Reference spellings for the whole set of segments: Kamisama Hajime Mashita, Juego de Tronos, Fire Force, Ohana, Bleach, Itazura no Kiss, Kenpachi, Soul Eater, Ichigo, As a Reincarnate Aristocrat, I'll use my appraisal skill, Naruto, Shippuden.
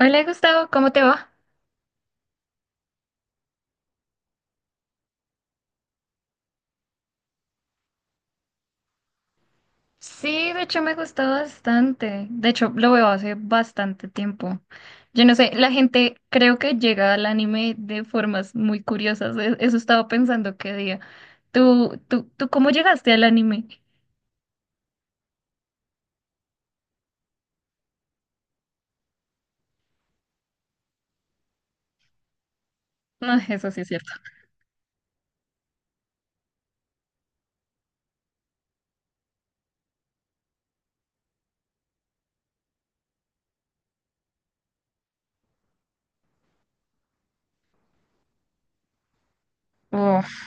Hola Gustavo, ¿cómo te va? Sí, de hecho me gustó bastante. De hecho, lo veo hace bastante tiempo. Yo no sé, la gente creo que llega al anime de formas muy curiosas. Eso estaba pensando qué día. ¿Tú cómo llegaste al anime? No, eso sí es cierto. Uf.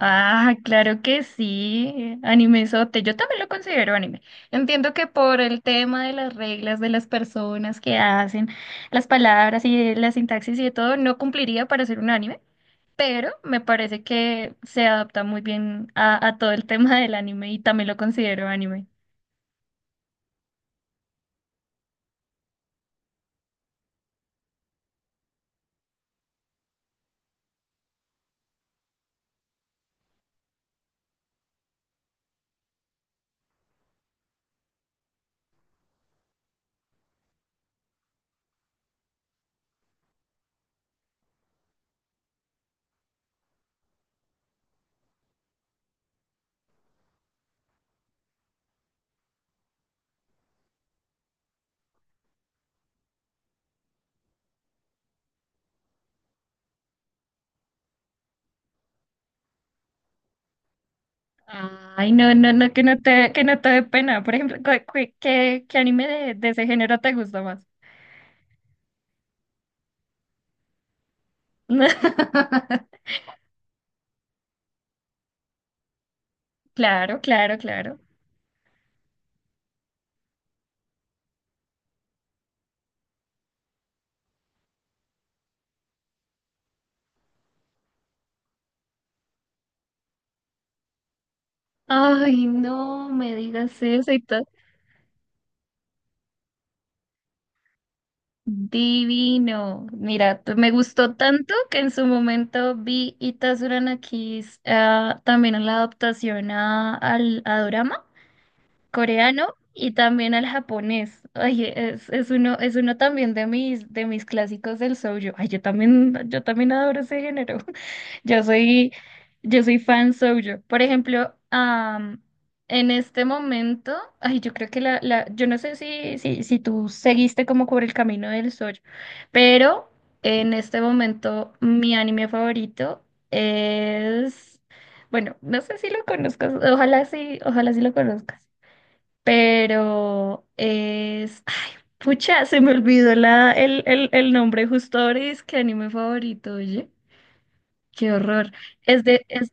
Ah, claro que sí, animezote. Yo también lo considero anime. Entiendo que por el tema de las reglas de las personas que hacen, las palabras y de la sintaxis y de todo, no cumpliría para ser un anime, pero me parece que se adapta muy bien a todo el tema del anime y también lo considero anime. Ay, no, no, no, que no te dé pena. Por ejemplo, ¿qué anime de ese género te gusta más? Claro, claro, claro. Ay, no me digas eso y todo. Divino. Mira, me gustó tanto que en su momento vi Itazura no Kiss, ah, también en la adaptación a Dorama coreano y también al japonés. Oye, es uno también de mis clásicos del shoujo. Ay, yo también adoro ese género. Yo soy, yo soy fan shoujo. Por ejemplo, en este momento, ay, yo creo que yo no sé si tú seguiste como por el camino del shoujo, pero en este momento mi anime favorito es, bueno, no sé si lo conozcas, ojalá sí lo conozcas, pero es, ay, pucha, se me olvidó el nombre justo ahora y es que anime favorito, oye, qué horror. Es de, es,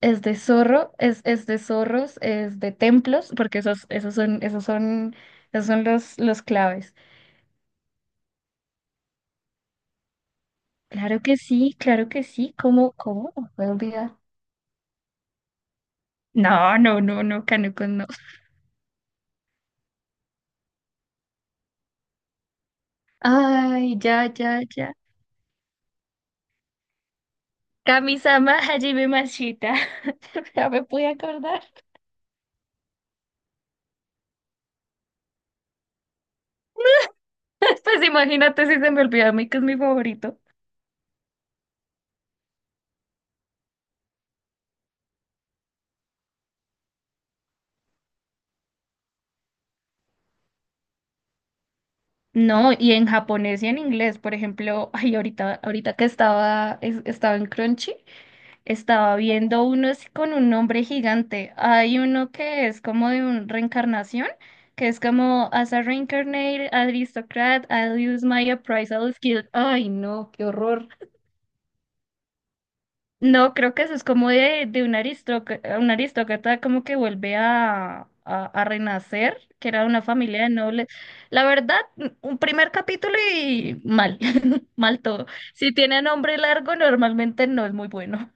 es de zorro, es de zorros, es de templos, porque esos son esos son los claves. Claro que sí, ¿cómo me puedo olvidar? No, no, no, no, Kaneko, no. Ay, ya, ya, ya. Kamisama Hajime Mashita. Ya me pude acordar. Pues imagínate si se me olvida a mí que es mi favorito. No, y en japonés y en inglés, por ejemplo, ay, ahorita, estaba en Crunchy, estaba viendo unos con un nombre gigante. Hay uno que es como de una reencarnación, que es como As a Reincarnate Aristocrat, I'll use my appraisal skill. Ay, no, qué horror. No, creo que eso es como de un aristócrata como que vuelve a renacer, que era una familia de nobles. La verdad, un primer capítulo y mal, mal todo. Si tiene nombre largo, normalmente no es muy bueno.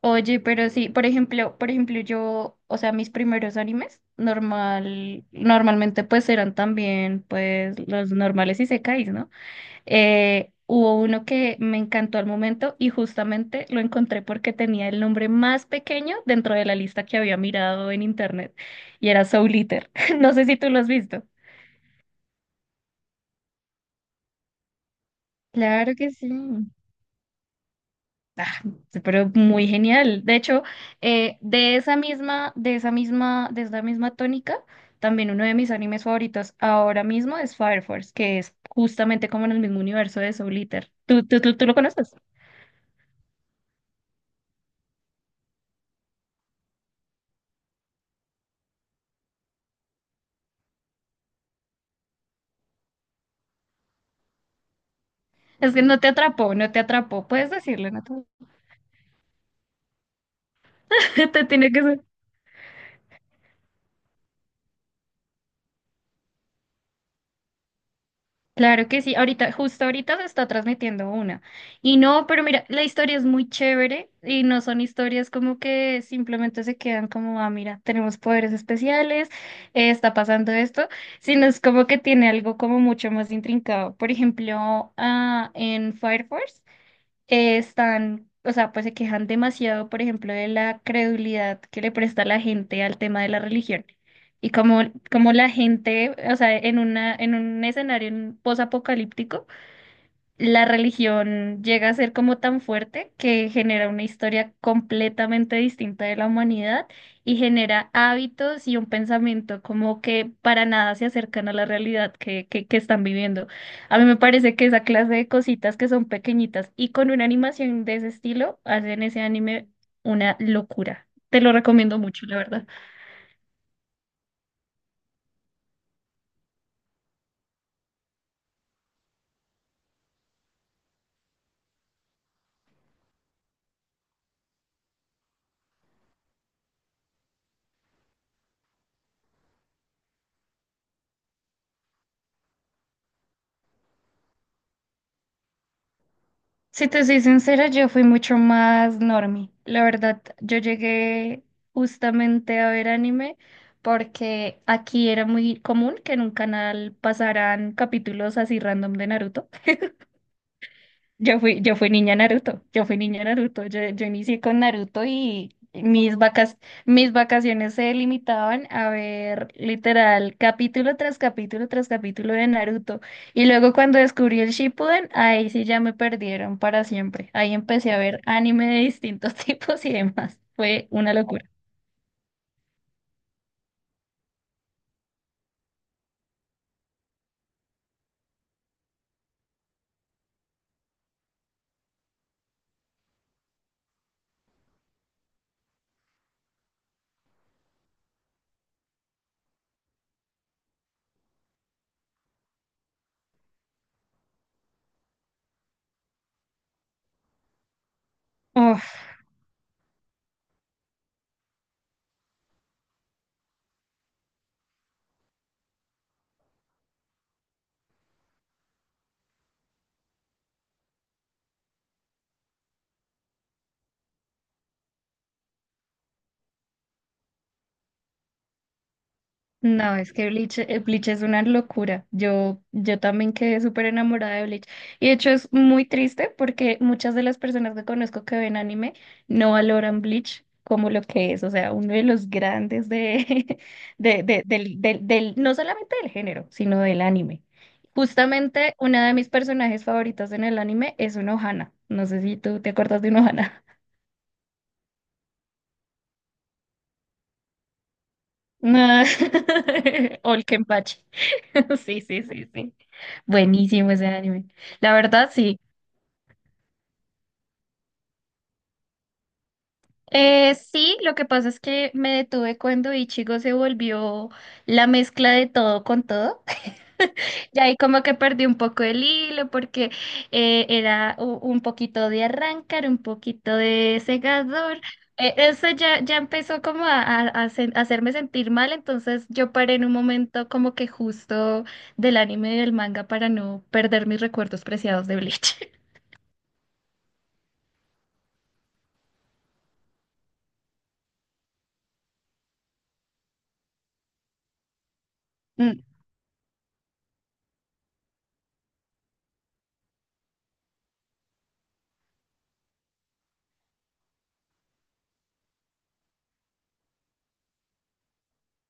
Oye, pero sí, por ejemplo, yo, o sea, mis primeros animes normal, normalmente pues eran también pues los normales y sekais, ¿no? Hubo uno que me encantó al momento y justamente lo encontré porque tenía el nombre más pequeño dentro de la lista que había mirado en internet y era Soul Eater. No sé si tú lo has visto. Claro que sí. Ah, pero muy genial. De hecho, de esa misma tónica, también uno de mis animes favoritos ahora mismo es Fire Force, que es justamente como en el mismo universo de Soul Eater. ¿Tú lo conoces? Es que no te atrapó, no te atrapó. Puedes decirlo, ¿no? Te tiene que ser. Claro que sí, ahorita, justo ahorita se está transmitiendo una. Y no, pero mira, la historia es muy chévere y no son historias como que simplemente se quedan como, ah, mira, tenemos poderes especiales, está pasando esto, sino es como que tiene algo como mucho más intrincado. Por ejemplo, ah, en Fire Force, están, o sea, pues se quejan demasiado, por ejemplo, de la credulidad que le presta la gente al tema de la religión. Y como, como la gente, o sea, en un escenario posapocalíptico, la religión llega a ser como tan fuerte que genera una historia completamente distinta de la humanidad y genera hábitos y un pensamiento como que para nada se acercan a la realidad que están viviendo. A mí me parece que esa clase de cositas que son pequeñitas y con una animación de ese estilo hacen ese anime una locura. Te lo recomiendo mucho, la verdad. Si te soy sincera, yo fui mucho más normie. La verdad, yo llegué justamente a ver anime porque aquí era muy común que en un canal pasaran capítulos así random de Naruto. Yo fui niña Naruto, yo fui niña Naruto, yo inicié con Naruto y mis vacaciones se limitaban a ver literal capítulo tras capítulo tras capítulo de Naruto. Y luego cuando descubrí el Shippuden, ahí sí ya me perdieron para siempre. Ahí empecé a ver anime de distintos tipos y demás. Fue una locura. Uf. No, es que Bleach, Bleach es una locura. Yo también quedé súper enamorada de Bleach. Y de hecho es muy triste porque muchas de las personas que conozco que ven anime no valoran Bleach como lo que es. O sea, uno de los grandes no solamente del género, sino del anime. Justamente una de mis personajes favoritos en el anime es una Ohana. No sé si tú te acuerdas de una Ohana. No. O el Kenpachi. Sí, sí, sí, sí. Buenísimo ese anime. La verdad, sí. Sí, lo que pasa es que me detuve cuando Ichigo se volvió la mezcla de todo con todo. Ya ahí como que perdí un poco el hilo porque era un poquito de arrancar, un poquito de segador. Eso ya empezó como a hacerme sentir mal, entonces yo paré en un momento como que justo del anime y del manga para no perder mis recuerdos preciados de Bleach. Mm,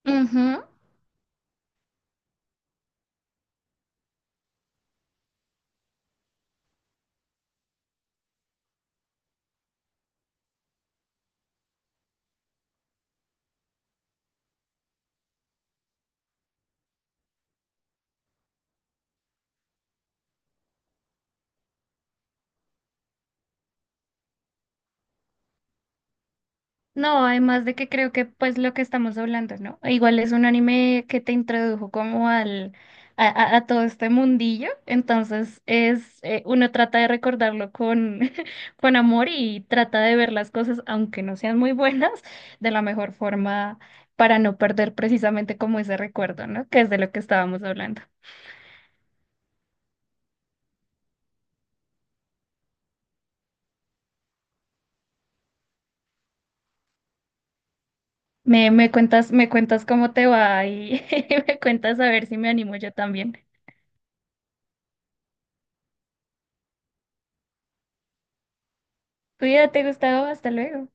ujú. No, además de que creo que pues lo que estamos hablando, ¿no? Igual es un anime que te introdujo como a todo este mundillo, entonces es uno trata de recordarlo con con amor y trata de ver las cosas aunque no sean muy buenas de la mejor forma para no perder precisamente como ese recuerdo, ¿no? Que es de lo que estábamos hablando. Me cuentas cómo te va y me cuentas a ver si me animo yo también. Cuídate, Gustavo, hasta luego.